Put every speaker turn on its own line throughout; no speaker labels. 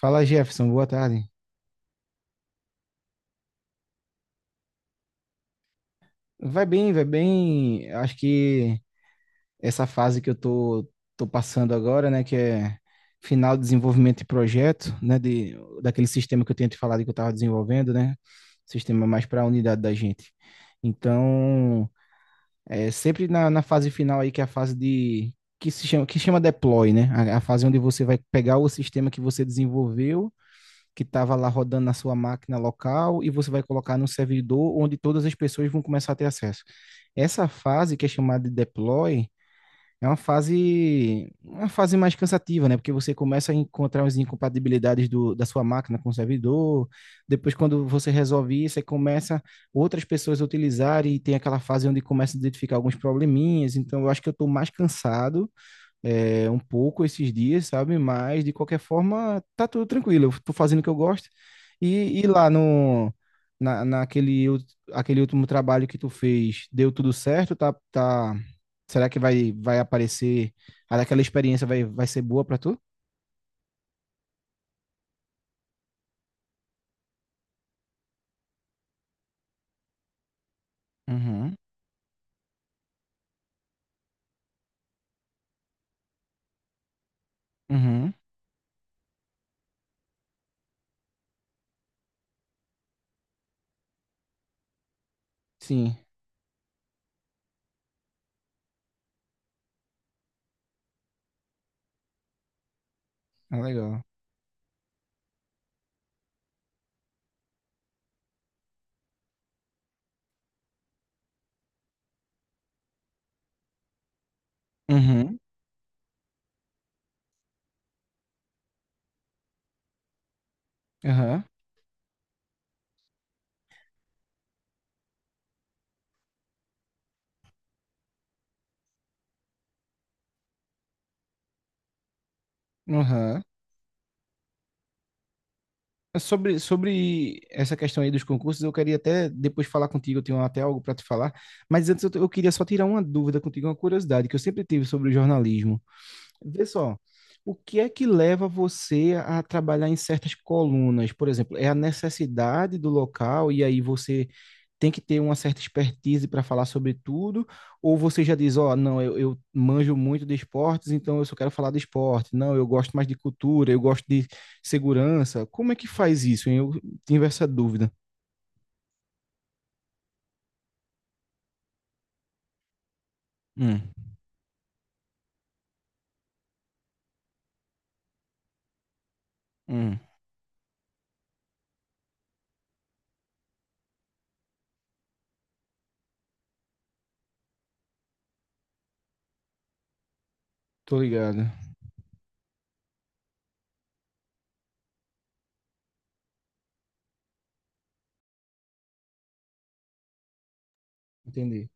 Fala Jefferson, boa tarde. Vai bem, vai bem. Acho que essa fase que eu tô passando agora, né, que é final de desenvolvimento de projeto, né, daquele sistema que eu tinha te falado que eu estava desenvolvendo, né, sistema mais para a unidade da gente. Então, é sempre na fase final aí, que é a fase de, que se chama, que chama deploy, né, a fase onde você vai pegar o sistema que você desenvolveu que estava lá rodando na sua máquina local e você vai colocar no servidor onde todas as pessoas vão começar a ter acesso. Essa fase que é chamada de deploy é uma fase mais cansativa, né? Porque você começa a encontrar as incompatibilidades da sua máquina com o servidor. Depois, quando você resolve isso, aí começa outras pessoas a utilizar e tem aquela fase onde começa a identificar alguns probleminhas. Então, eu acho que eu estou mais cansado um pouco esses dias, sabe? Mas de qualquer forma, tá tudo tranquilo. Eu tô fazendo o que eu gosto. E lá no na, naquele ult- aquele último trabalho que tu fez, deu tudo certo? Tá, tá. Será que vai aparecer? Aquela experiência vai ser boa pra tu? Uhum, uhum, sim, é legal. Uhum, aham, uhum. É. Sobre essa questão aí dos concursos, eu queria até depois falar contigo, eu tenho até algo para te falar, mas antes eu queria só tirar uma dúvida contigo, uma curiosidade que eu sempre tive sobre o jornalismo. Vê só, o que é que leva você a trabalhar em certas colunas? Por exemplo, é a necessidade do local e aí você tem que ter uma certa expertise para falar sobre tudo? Ou você já diz, ó, não, eu manjo muito de esportes, então eu só quero falar de esporte. Não, eu gosto mais de cultura, eu gosto de segurança. Como é que faz isso, hein? Eu tive essa dúvida. Hum, hum, tô ligado. Entendi.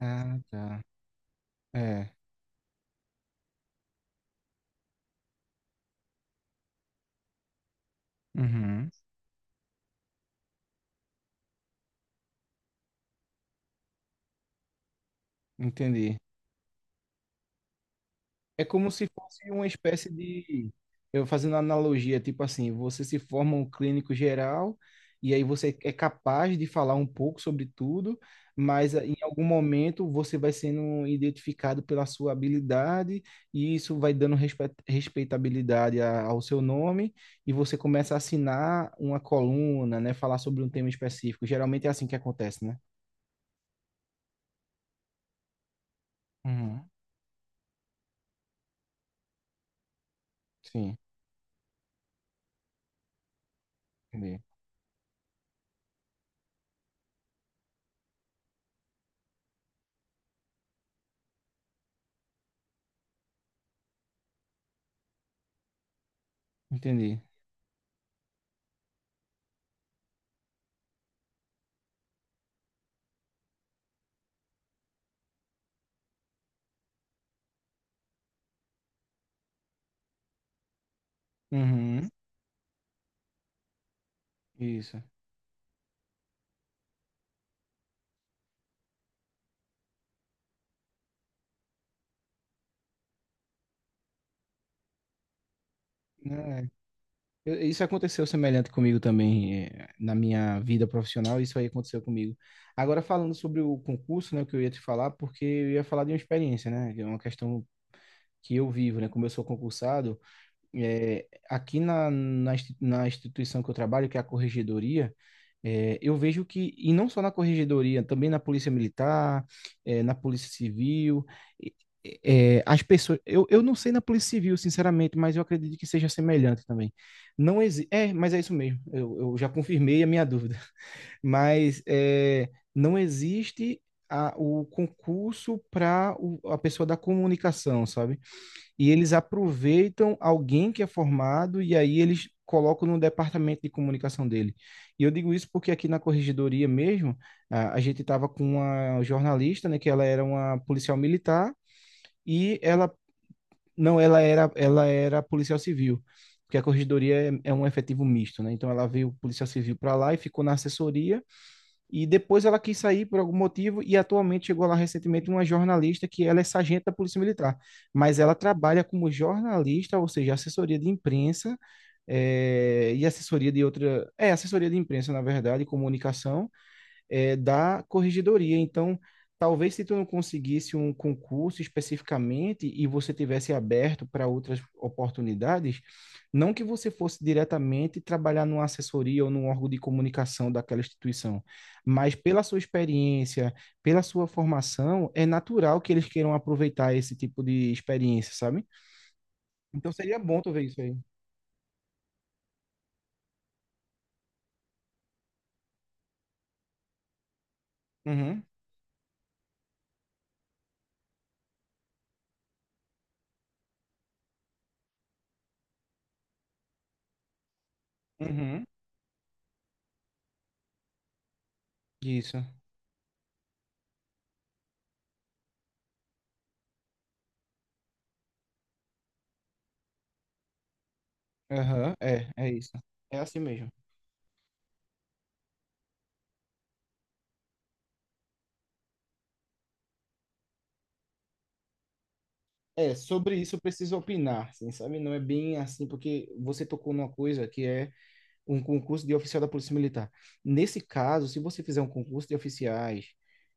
Ah, tá. É. Uhum, entendi. É como se fosse uma espécie de, eu fazendo uma analogia, tipo assim, você se forma um clínico geral e aí você é capaz de falar um pouco sobre tudo, mas em algum momento você vai sendo identificado pela sua habilidade e isso vai dando respeitabilidade ao seu nome e você começa a assinar uma coluna, né, falar sobre um tema específico. Geralmente é assim que acontece, né? Uhum. Sim, entendi. Entendi. Uhum. Isso. Não, isso aconteceu semelhante comigo também, na minha vida profissional, isso aí aconteceu comigo. Agora, falando sobre o concurso, né, o que eu ia te falar, porque eu ia falar de uma experiência, né, que é uma questão que eu vivo, né, como eu sou concursado, é, aqui na instituição que eu trabalho, que é a Corregedoria, é, eu vejo que, e não só na Corregedoria, também na Polícia Militar, é, na Polícia Civil, e- as pessoas. Eu não sei na Polícia Civil, sinceramente, mas eu acredito que seja semelhante também. Não exi- É, mas é isso mesmo. Eu já confirmei a minha dúvida. Mas é, não existe o concurso para a pessoa da comunicação, sabe? E eles aproveitam alguém que é formado e aí eles colocam no departamento de comunicação dele. E eu digo isso porque aqui na corregedoria mesmo, a gente estava com uma jornalista, né, que ela era uma policial militar e ela não, ela era policial civil. Porque a corregedoria é um efetivo misto, né? Então ela veio policial civil para lá e ficou na assessoria e depois ela quis sair por algum motivo e atualmente chegou lá recentemente uma jornalista que ela é sargento da Polícia Militar, mas ela trabalha como jornalista, ou seja, assessoria de imprensa, e assessoria de outra, é assessoria de imprensa na verdade, e comunicação, é, da corregedoria. Então, talvez se tu não conseguisse um concurso especificamente e você tivesse aberto para outras oportunidades, não que você fosse diretamente trabalhar numa assessoria ou num órgão de comunicação daquela instituição, mas pela sua experiência, pela sua formação, é natural que eles queiram aproveitar esse tipo de experiência, sabe? Então seria bom tu ver isso aí. Uhum, uhum, isso. Aham, é, é isso. É assim mesmo. É, sobre isso eu preciso opinar, assim, sabe? Não é bem assim, porque você tocou numa coisa que é um concurso de oficial da Polícia Militar. Nesse caso, se você fizer um concurso de oficiais,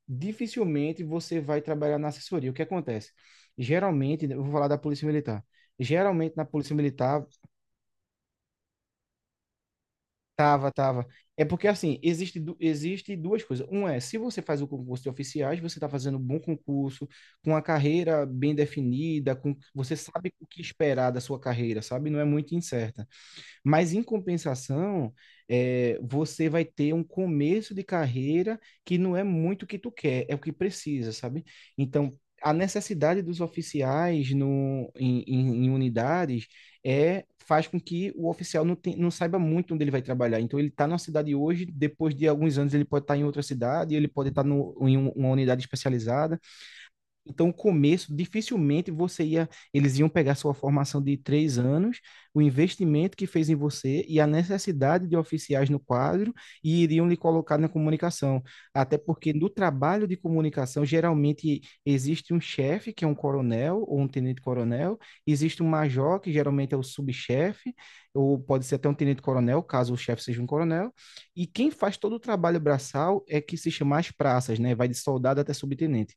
dificilmente você vai trabalhar na assessoria. O que acontece? Geralmente, eu vou falar da Polícia Militar. Geralmente na Polícia Militar. Tava, tava. É porque assim, existe duas coisas. Um é, se você faz o concurso de oficiais, você está fazendo um bom concurso, com a carreira bem definida, com você sabe o que esperar da sua carreira, sabe? Não é muito incerta. Mas, em compensação, você vai ter um começo de carreira que não é muito o que tu quer, é o que precisa, sabe? Então, a necessidade dos oficiais no, em, em- em unidades faz com que o oficial não saiba muito onde ele vai trabalhar. Então, ele está numa cidade hoje, depois de alguns anos ele pode estar em outra cidade, ele pode estar no, em um- uma unidade especializada. Então, o começo, dificilmente você ia, eles iam pegar sua formação de 3 anos, o investimento que fez em você e a necessidade de oficiais no quadro e iriam lhe colocar na comunicação. Até porque no trabalho de comunicação, geralmente existe um chefe, que é um coronel ou um tenente-coronel, existe um major, que geralmente é o subchefe, ou pode ser até um tenente-coronel, caso o chefe seja um coronel, e quem faz todo o trabalho braçal é que se chama as praças, né? Vai de soldado até subtenente.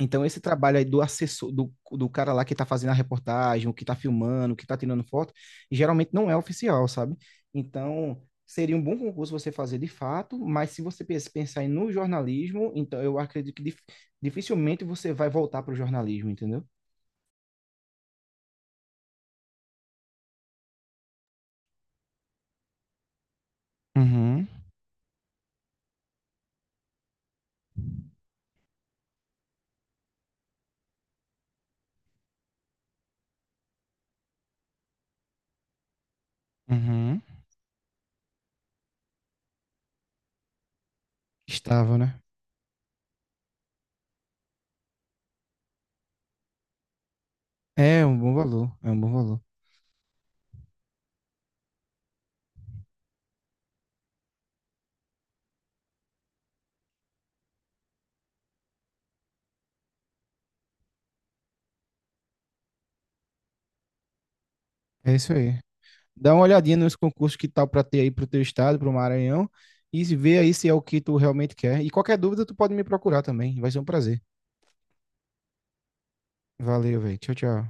Então, esse trabalho aí do assessor, do cara lá que tá fazendo a reportagem, o que tá filmando, o que tá tirando foto, geralmente não é oficial, sabe? Então, seria um bom concurso você fazer de fato, mas se você pensar em no jornalismo, então eu acredito que dificilmente você vai voltar para o jornalismo, entendeu? Uhum, uhum. Estava, né? É um bom valor, é um bom valor. É isso aí. Dá uma olhadinha nos concursos que tal para ter aí para o teu estado, para o Maranhão, e se vê aí se é o que tu realmente quer. E qualquer dúvida, tu pode me procurar também. Vai ser um prazer. Valeu, velho. Tchau, tchau.